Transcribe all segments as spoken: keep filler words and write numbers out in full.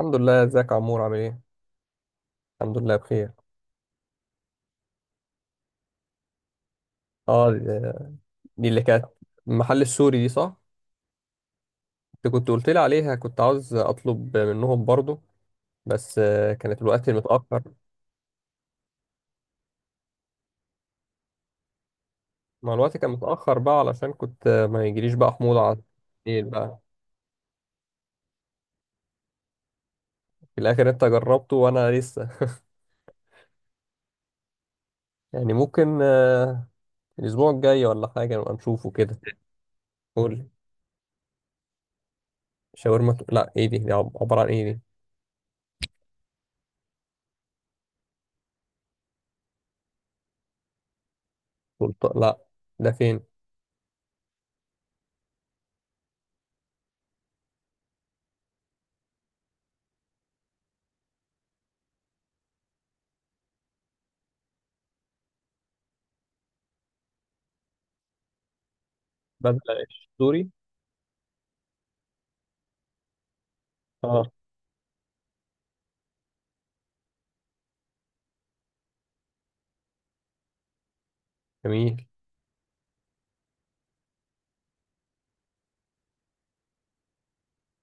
الحمد لله، ازيك يا عمور عامل ايه؟ الحمد لله بخير. اه، دي اللي كانت المحل السوري دي صح؟ انت كنت قلت لي عليها، كنت عاوز اطلب منهم برضو بس آه، كانت الوقت متاخر. ما الوقت كان متاخر بقى، علشان كنت آه، ما يجيليش بقى حموضه على الليل بقى. في الاخر انت جربته وانا لسه. يعني ممكن آه، الاسبوع الجاي ولا حاجه نبقى نشوفه كده. قول لي. شاورما ت- لا ايه دي دي عب- عباره عن ايه دي؟ سلطة؟ لا، ده فين؟ بدله سوري. اه جميل.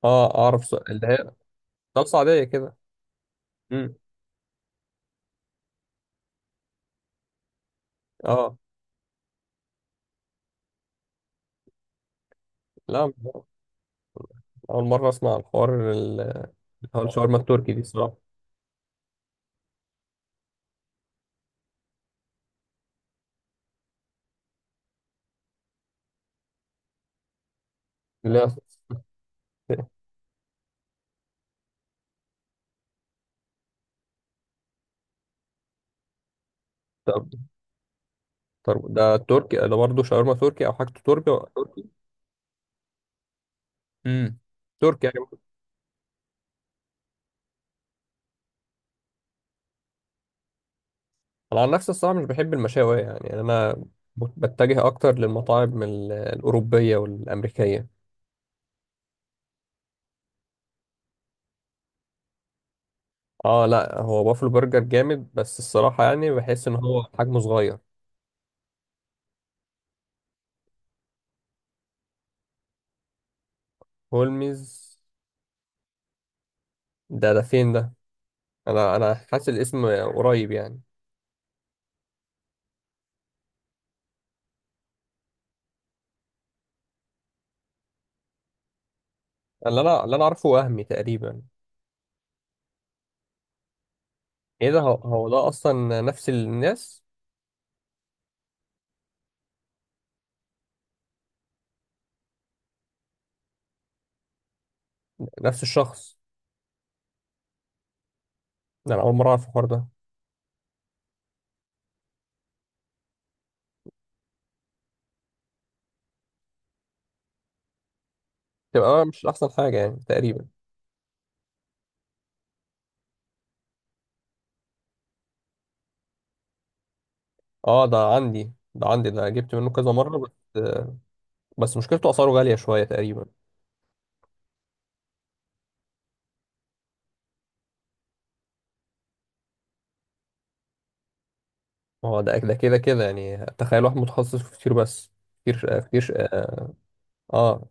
اه اعرف س- اللي هي رقصة عادية كده. مم. اه لا، اول مرة اسمع الحوار ال- اللي هو الشاورما التركي دي الصراحة. لا طب، طب ده تركي، ده برضه شاورما تركي او حاجته تركي تركي؟ مم. تركي يعني. انا عن نفسي الصراحة مش بحب المشاوي يعني، يعني انا بتجه اكتر للمطاعم ال- الاوروبية والامريكية. اه لا هو بافلو برجر جامد بس الصراحة يعني بحس ان هو حجمه صغير. هولمز؟ ده ده فين ده؟ انا انا حاسس الاسم قريب يعني. اللي انا اللي انا عارفه وهمي تقريبا. ايه ده، هو هو ده اصلا نفس الناس. نفس الشخص؟ ده انا اول مره اعرف الحوار ده. تبقى أنا مش احسن حاجه يعني تقريبا. اه ده عندي، ده عندي، ده جبت منه كذا مره بس. بس مشكلته اسعاره غاليه شويه تقريبا. هو ده، ده كده كده يعني تخيل واحد متخصص في كتير. بس كتير كتير اه. آه،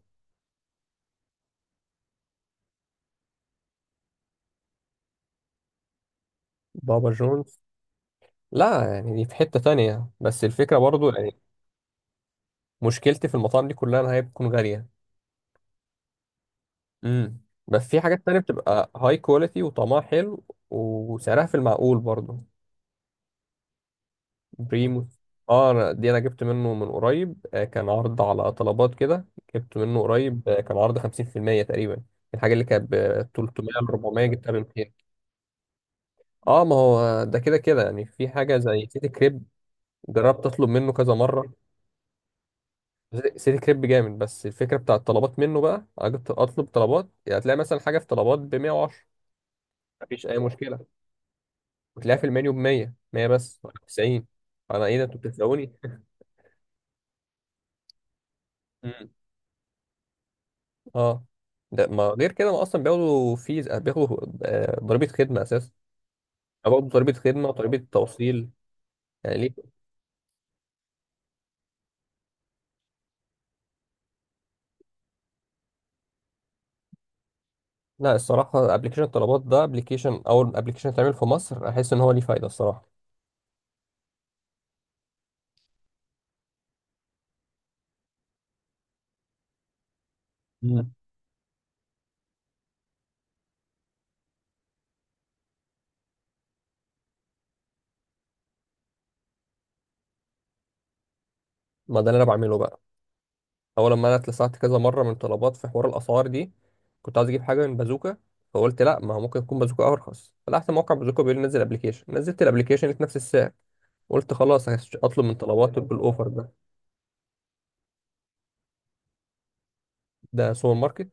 بابا جونز؟ لا يعني دي في حته تانية بس الفكره برضو يعني. مشكلتي في المطاعم دي كلها انها هي بتكون غاليه. امم. بس في حاجات تانية بتبقى هاي كواليتي وطعمها حلو وسعرها في المعقول برضه. بريمو؟ اه أنا- دي انا جبت منه من قريب، آه، كان عرض على طلبات كده. جبت منه قريب، آه، كان عرض خمسين في المية تقريبا. الحاجة اللي كانت ب تلت ميه ل اربع ميه جبتها ب ميتين. اه ما هو ده كده كده يعني، في حاجة زي سيتي كريب. جربت اطلب منه كذا مرة. سيتي سيتي كريب جامد بس الفكرة بتاع الطلبات منه بقى أجي أط- أطلب طلبات، يعني هتلاقي مثلا حاجة في طلبات ب مية وعشرة، مفيش أي مشكلة، وتلاقيها في المنيو ب ميه. ميه بس تسعين. انا ايه ده، انتوا بتسرقوني؟ مم. اه ده ما غير كده، ما اصلا بياخدوا فيز، بياخدوا آه، ضريبه خدمه اساسا. بياخدوا ضريبه خدمه وضريبه توصيل يعني ليه؟ لا الصراحه ابلكيشن الطلبات ده، ابلكيشن اول ابلكيشن اتعمل في مصر، احس ان هو ليه فايده الصراحه. مم. ما ده اللي انا بعمله بقى. اول لما انا اتلسعت كذا مره من طلبات في حوار الاسعار دي، كنت عايز اجيب حاجه من بازوكا فقلت لا، ما هو ممكن يكون بازوكا ارخص، فتحت موقع بازوكا بيقول لي نزل ابلكيشن، نزلت الابلكيشن لقيت نفس السعر، قلت خلاص هش- اطلب من طلبات بالاوفر ده. ده سوبر ماركت.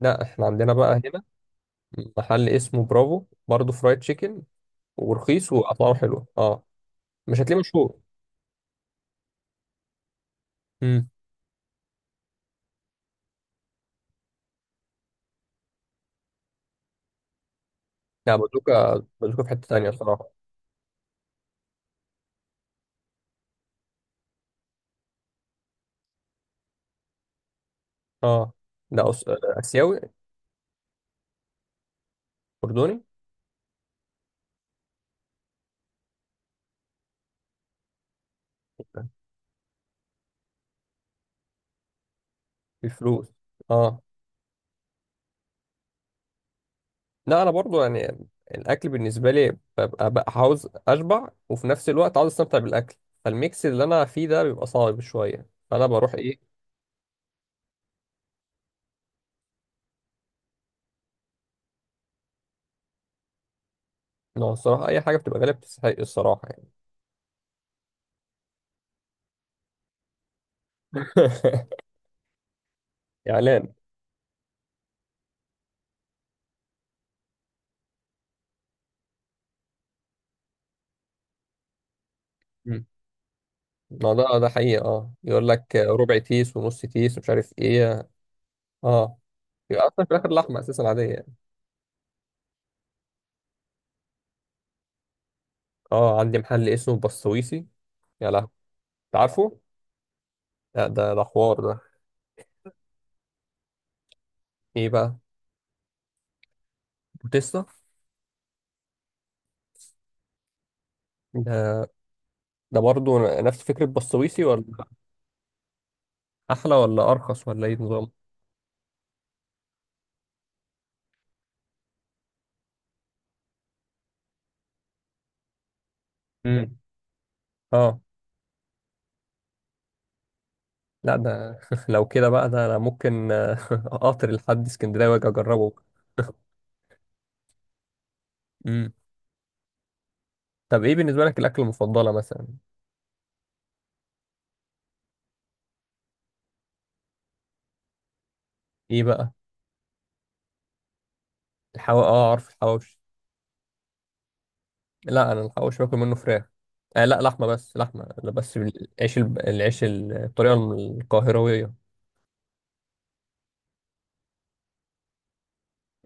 لا احنا عندنا بقى هنا محل اسمه برافو برضه، فرايد تشيكن، ورخيص واسعاره حلوه اه. مش هتلاقيه مشهور. امم. لا بازوكا، بازوكا في حته تانيه الصراحه. اه ده أس... آه، اسيوي؟ اردني. بفلوس. اه لا انا برضو يعني، الاكل بالنسبه لي ببقى بقى عاوز اشبع وفي نفس الوقت عاوز استمتع بالاكل، فالميكس اللي انا فيه ده بيبقى صعب شويه فانا بروح ايه نوع. الصراحه اي حاجه بتبقى غالبا بتستحق الصراحه يعني. اعلان. مم. ما ده ده حقيقه اه، يقول لك ربع تيس ونص تيس ومش عارف ايه. اه يبقى اصلا في الاخر لحمه اساسا عاديه يعني. اه عندي محل اسمه بسويسي. يا لهوي. أنت عارفه؟ لا ده ده حوار ده. ايه بقى؟ بوتيستا؟ ده ده برضه نفس فكره بسويسي ولا احلى ولا ارخص ولا ايه نظام؟ امم. اه لا ده. لو كده بقى ده انا ممكن آه، قطر لحد اسكندريه واجي اجربه. امم. طب ايه بالنسبه لك الاكله المفضله مثلا؟ ايه بقى؟ الحوا اه عارف الحواوشي. لا انا الحواوشي باكل منه فراخ. آه لا لحمه، بس لحمه لا، بس العيش الب- العيش ال- الطريقه القاهرويه.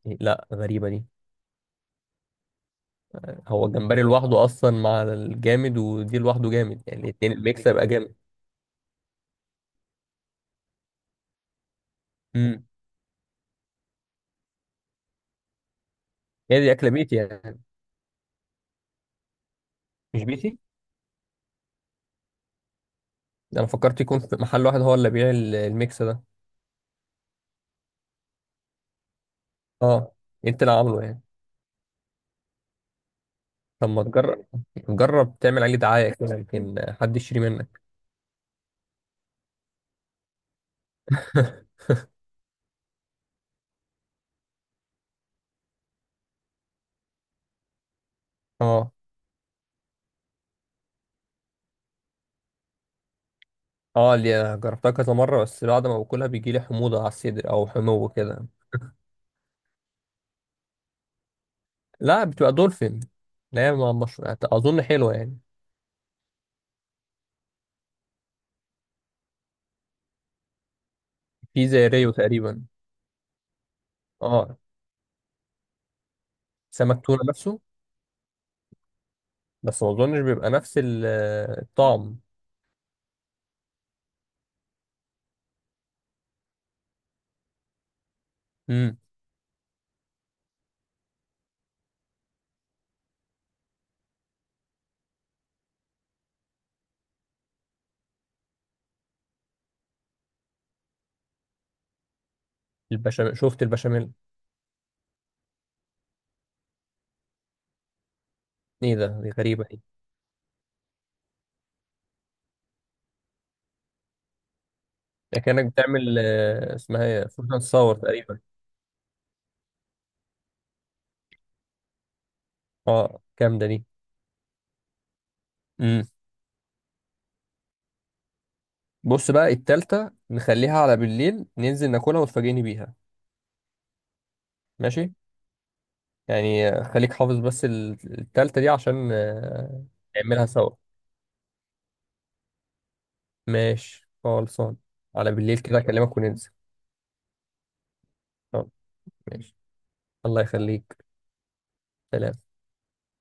إيه، لا غريبه دي. هو الجمبري لوحده اصلا مع الجامد ودي لوحده جامد، يعني الاتنين الميكس هيبقى جامد. امم. هي دي اكله بيتي يعني؟ مش بيتي. انا فكرت يكون في محل واحد هو اللي بيبيع ال- الميكس ده. اه، انت اللي عامله يعني. طب ما تجرب، جرب تعمل عليه دعاية كده يمكن حد يشتري منك. اه. اه اللي جربتها كذا مرة بس بعد ما باكلها بيجي لي حموضة على الصدر او حمو كده. لا بتبقى دولفين. لا هي ما- مش اظن حلوة يعني. في زي ريو تقريبا. اه سمك تونة نفسه. بس ما اظنش بيبقى نفس ال- الطعم. امم. البشاميل، شفت البشاميل. ايه ده دي غريبة. ده كانك بتعمل آه، اسمها ايه، فرصه تصور تقريبا. اه جامده دي. امم. بص بقى التالتة نخليها على بالليل، ننزل ناكلها وتفاجئني بيها. ماشي. يعني آه، خليك حافظ بس ال- التالتة دي عشان آه، نعملها سوا. ماشي، خلصان. على بالليل كده اكلمك وننزل. آه، ماشي. الله يخليك. سلام.